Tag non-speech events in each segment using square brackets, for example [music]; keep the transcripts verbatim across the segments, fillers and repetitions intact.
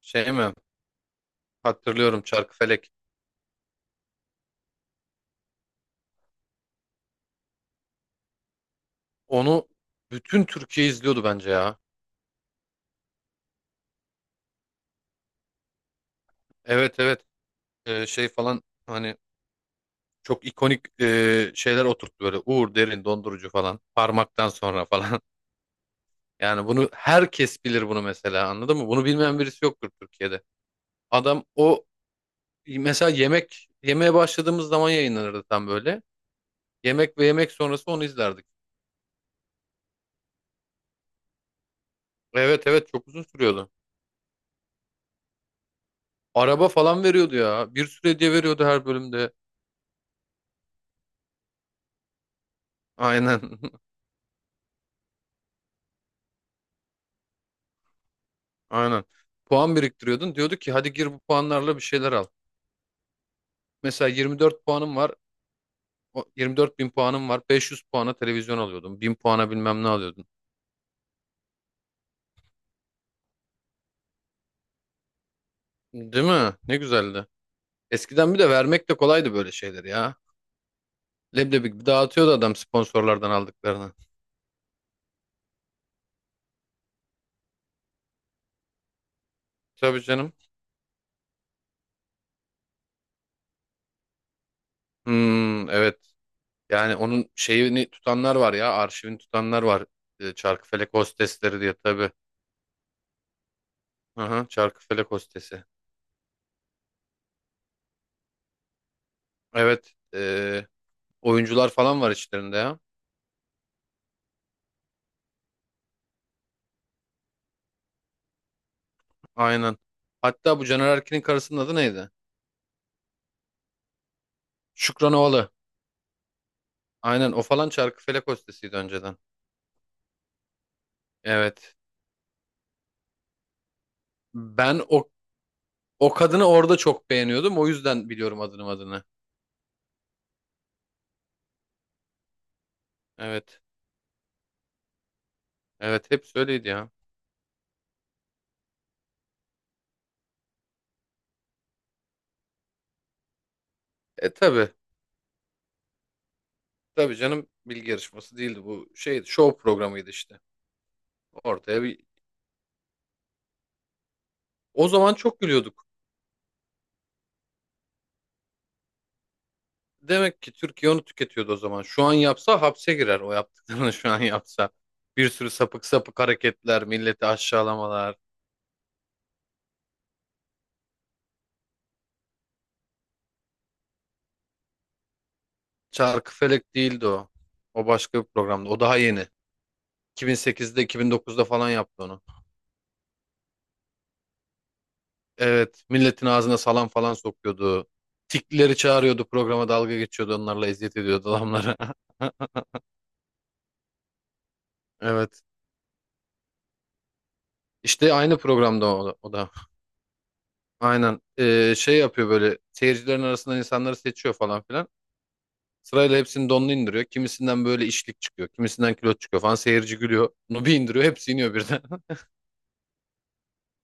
Şey mi? Hatırlıyorum Çarkıfelek. Onu bütün Türkiye izliyordu bence ya. Evet, evet. Ee, şey falan hani çok ikonik e, şeyler oturttu böyle. Uğur Derin dondurucu falan. Parmaktan sonra falan. [laughs] Yani bunu herkes bilir bunu mesela, anladın mı? Bunu bilmeyen birisi yoktur Türkiye'de. Adam o mesela yemek yemeye başladığımız zaman yayınlanırdı tam böyle. Yemek ve yemek sonrası onu izlerdik. Evet, evet, çok uzun sürüyordu. Araba falan veriyordu ya. Bir süre diye veriyordu her bölümde. Aynen. [laughs] Aynen. Puan biriktiriyordun. Diyordu ki hadi gir bu puanlarla bir şeyler al. Mesela yirmi dört puanım var. o- 24 bin puanım var. beş yüz puana televizyon alıyordun. Bin puana bilmem ne alıyordun. Değil mi? Ne güzeldi. Eskiden bir de vermek de kolaydı böyle şeyler ya. Leblebi gibi dağıtıyordu adam sponsorlardan aldıklarını. Tabii canım. Hmm, evet. Yani onun şeyini tutanlar var ya. Arşivini tutanlar var. E, Çarkıfelek hostesleri diye tabii. Aha, Çarkıfelek hostesi. Evet. e, oyuncular falan var içlerinde ya. Aynen. Hatta bu Caner Erkin'in karısının adı neydi? Şükran Ovalı. Aynen o falan Çarkıfelek hostesiydi önceden. Evet. Ben o o kadını orada çok beğeniyordum. O yüzden biliyorum adını adını. Evet. Evet, hep öyleydi ya. E, tabi. Tabi canım, bilgi yarışması değildi bu. Şey, show programıydı işte. Ortaya bir O zaman çok gülüyorduk. Demek ki Türkiye onu tüketiyordu o zaman. Şu an yapsa hapse girer o yaptıklarını [laughs] şu an yapsa. Bir sürü sapık sapık hareketler, milleti aşağılamalar. Çarkıfelek değildi o. O başka bir programdı. O daha yeni. iki bin sekizde, iki bin dokuzda falan yaptı onu. Evet, milletin ağzına salam falan sokuyordu. Tikleri çağırıyordu programa, dalga geçiyordu onlarla, eziyet ediyordu adamlara. [laughs] Evet. İşte aynı programda o da. o da. Aynen. Ee, şey yapıyor böyle, seyircilerin arasından insanları seçiyor falan filan. Sırayla hepsinin donunu indiriyor. Kimisinden böyle işlik çıkıyor. Kimisinden kilo çıkıyor falan. Seyirci gülüyor. Bunu bir indiriyor. Hepsi iniyor birden. [laughs]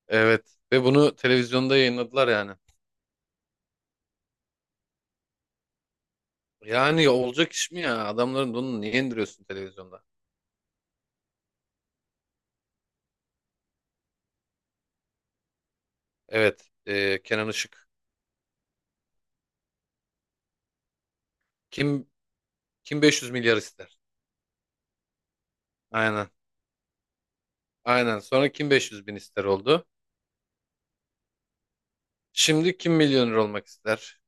Evet. Ve bunu televizyonda yayınladılar yani. Yani olacak iş mi ya? Adamların bunu niye indiriyorsun televizyonda? Evet. e, Kenan Işık. Kim kim beş yüz milyar ister? Aynen. Aynen. Sonra kim beş yüz bin ister oldu. Şimdi kim milyoner olmak ister?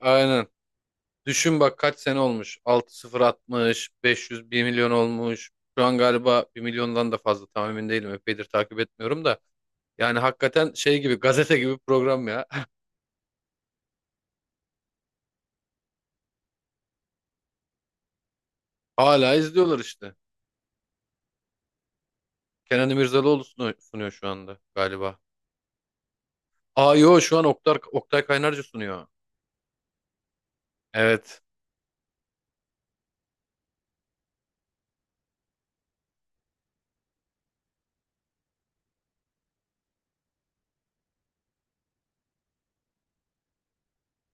Aynen. Düşün bak kaç sene olmuş. altı sıfır atmış. beş yüz, bir milyon olmuş. Şu an galiba bir milyondan da fazla, tam emin değilim. Epeydir takip etmiyorum da. Yani hakikaten şey gibi, gazete gibi program ya. [laughs] Hala izliyorlar işte. Kenan İmirzalıoğlu sunu- sunuyor şu anda galiba. Aa, yo, şu an Oktay, Oktay Kaynarca sunuyor. Evet.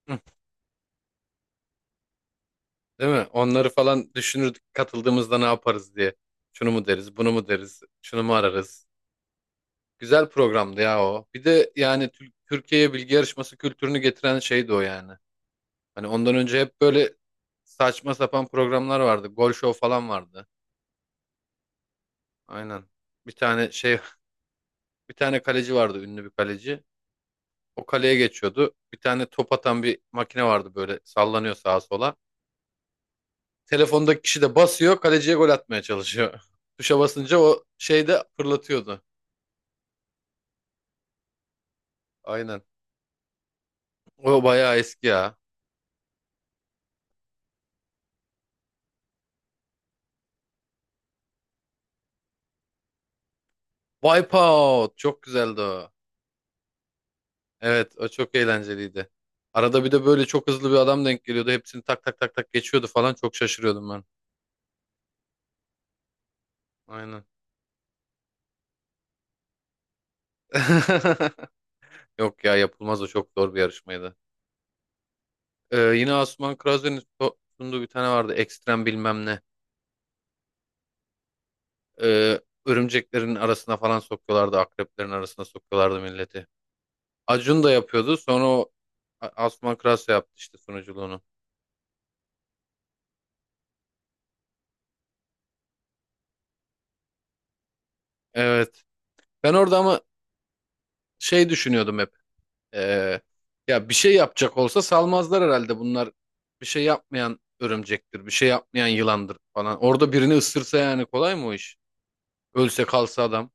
Hı. Değil mi? Onları falan düşünürdük katıldığımızda ne yaparız diye. Şunu mu deriz, bunu mu deriz, şunu mu ararız. Güzel programdı ya o. Bir de yani Tür- Türkiye'ye bilgi yarışması kültürünü getiren şeydi o yani. Hani ondan önce hep böyle saçma sapan programlar vardı. Gol show falan vardı. Aynen. Bir tane şey, [laughs] bir tane kaleci vardı, ünlü bir kaleci. O kaleye geçiyordu. Bir tane top atan bir makine vardı, böyle sallanıyor sağa sola. Telefondaki kişi de basıyor. Kaleciye gol atmaya çalışıyor. [laughs] Tuşa basınca o şey de fırlatıyordu. Aynen. O bayağı eski ya. Wipeout. Çok güzeldi o. Evet, o çok eğlenceliydi. Arada bir de böyle çok hızlı bir adam denk geliyordu. Hepsini tak tak tak tak geçiyordu falan. Çok şaşırıyordum ben. Aynen. [laughs] Yok ya, yapılmaz, o çok zor bir yarışmaydı. Ee, yine Asuman Krazer'in so- sunduğu bir tane vardı. Ekstrem bilmem ne. Ee, örümceklerin arasına falan sokuyorlardı. Akreplerin arasına sokuyorlardı milleti. Acun da yapıyordu. Sonra o A- Asuman Kras yaptı işte sunuculuğunu. Evet. Ben orada ama şey düşünüyordum hep. Ee, ya bir şey yapacak olsa salmazlar herhalde. Bunlar bir şey yapmayan örümcektir. Bir şey yapmayan yılandır falan. Orada birini ısırsa, yani kolay mı o iş? Ölse kalsa adam.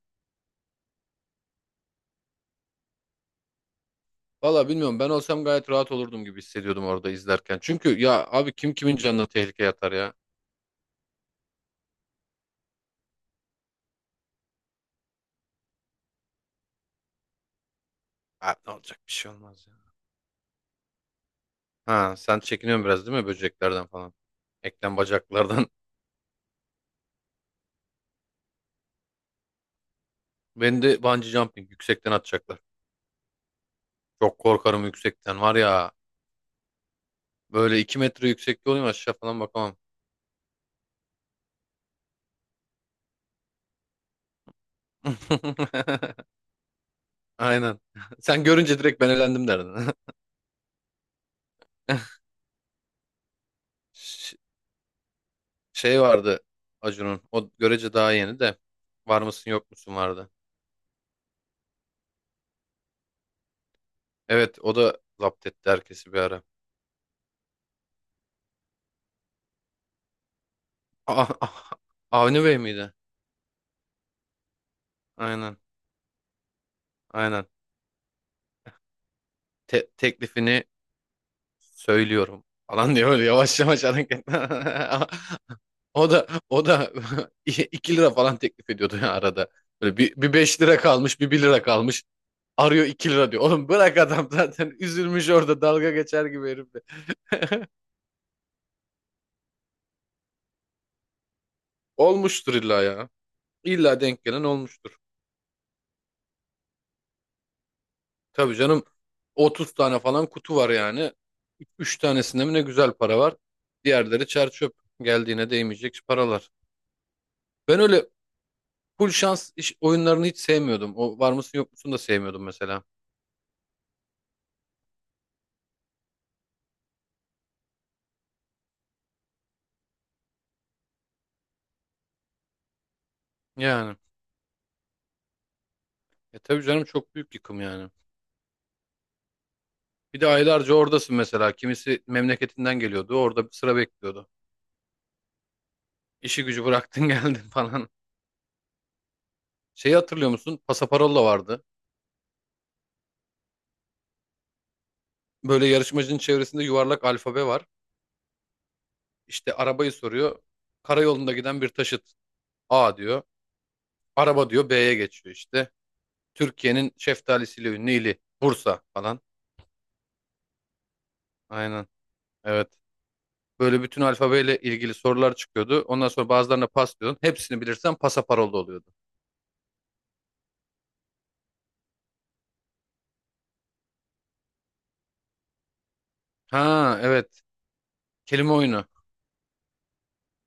Valla bilmiyorum. Ben olsam gayet rahat olurdum gibi hissediyordum orada izlerken. Çünkü ya abi, kim kimin canına tehlikeye atar ya? Abi ne olacak, bir şey olmaz ya. Ha, sen çekiniyorsun biraz değil mi böceklerden falan? Eklem bacaklardan. Beni de bungee jumping yüksekten atacaklar. Çok korkarım yüksekten var ya. Böyle iki metre yüksekte olayım aşağı falan bakamam. [laughs] Aynen. Sen görünce direkt ben elendim derdin. [laughs] Ş- Şey vardı Acun'un. O görece daha yeni de. Var mısın, yok musun vardı. Evet, o da zapt etti herkesi bir ara. Aa, ah, Avni Bey miydi? Aynen. Aynen. Te- teklifini söylüyorum. Falan diyor böyle, yavaş yavaş hareket. [laughs] O da o da [laughs] iki lira falan teklif ediyordu ya arada. Böyle bir, bir beş lira kalmış, bir bir lira kalmış. Arıyor, iki lira diyor. Oğlum bırak adam, [laughs] zaten üzülmüş orada, dalga geçer gibi herif de. Olmuştur illa ya. İlla denk gelen olmuştur. Tabii canım, otuz tane falan kutu var yani. Üç tanesinde mi ne güzel para var. Diğerleri çer çöp. Geldiğine değmeyecek paralar. Ben öyle full şans iş, oyunlarını hiç sevmiyordum. O var mısın yok musun da sevmiyordum mesela. Yani. E, tabii canım, çok büyük yıkım yani. Bir de aylarca oradasın mesela. Kimisi memleketinden geliyordu. Orada bir sıra bekliyordu. İşi gücü bıraktın [laughs] geldin falan. Şeyi hatırlıyor musun? Pasaparolla vardı. Böyle yarışmacının çevresinde yuvarlak alfabe var. İşte arabayı soruyor. Karayolunda giden bir taşıt. A diyor. Araba diyor, B'ye geçiyor işte. Türkiye'nin şeftalisiyle ünlü ili. Bursa falan. Aynen. Evet. Böyle bütün alfabeyle ilgili sorular çıkıyordu. Ondan sonra bazılarına pas diyordun. Hepsini bilirsen pasaparolda oluyordu. Ha, evet. Kelime oyunu.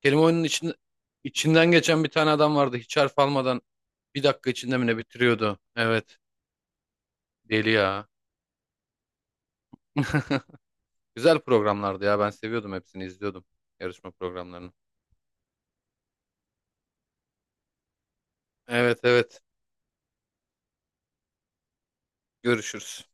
Kelime oyunun içinde, içinden geçen bir tane adam vardı. Hiç harf almadan bir dakika içinde mi ne bitiriyordu? Evet. Deli ya. [laughs] Güzel programlardı ya. Ben seviyordum hepsini izliyordum. Yarışma programlarını. Evet, evet. Görüşürüz.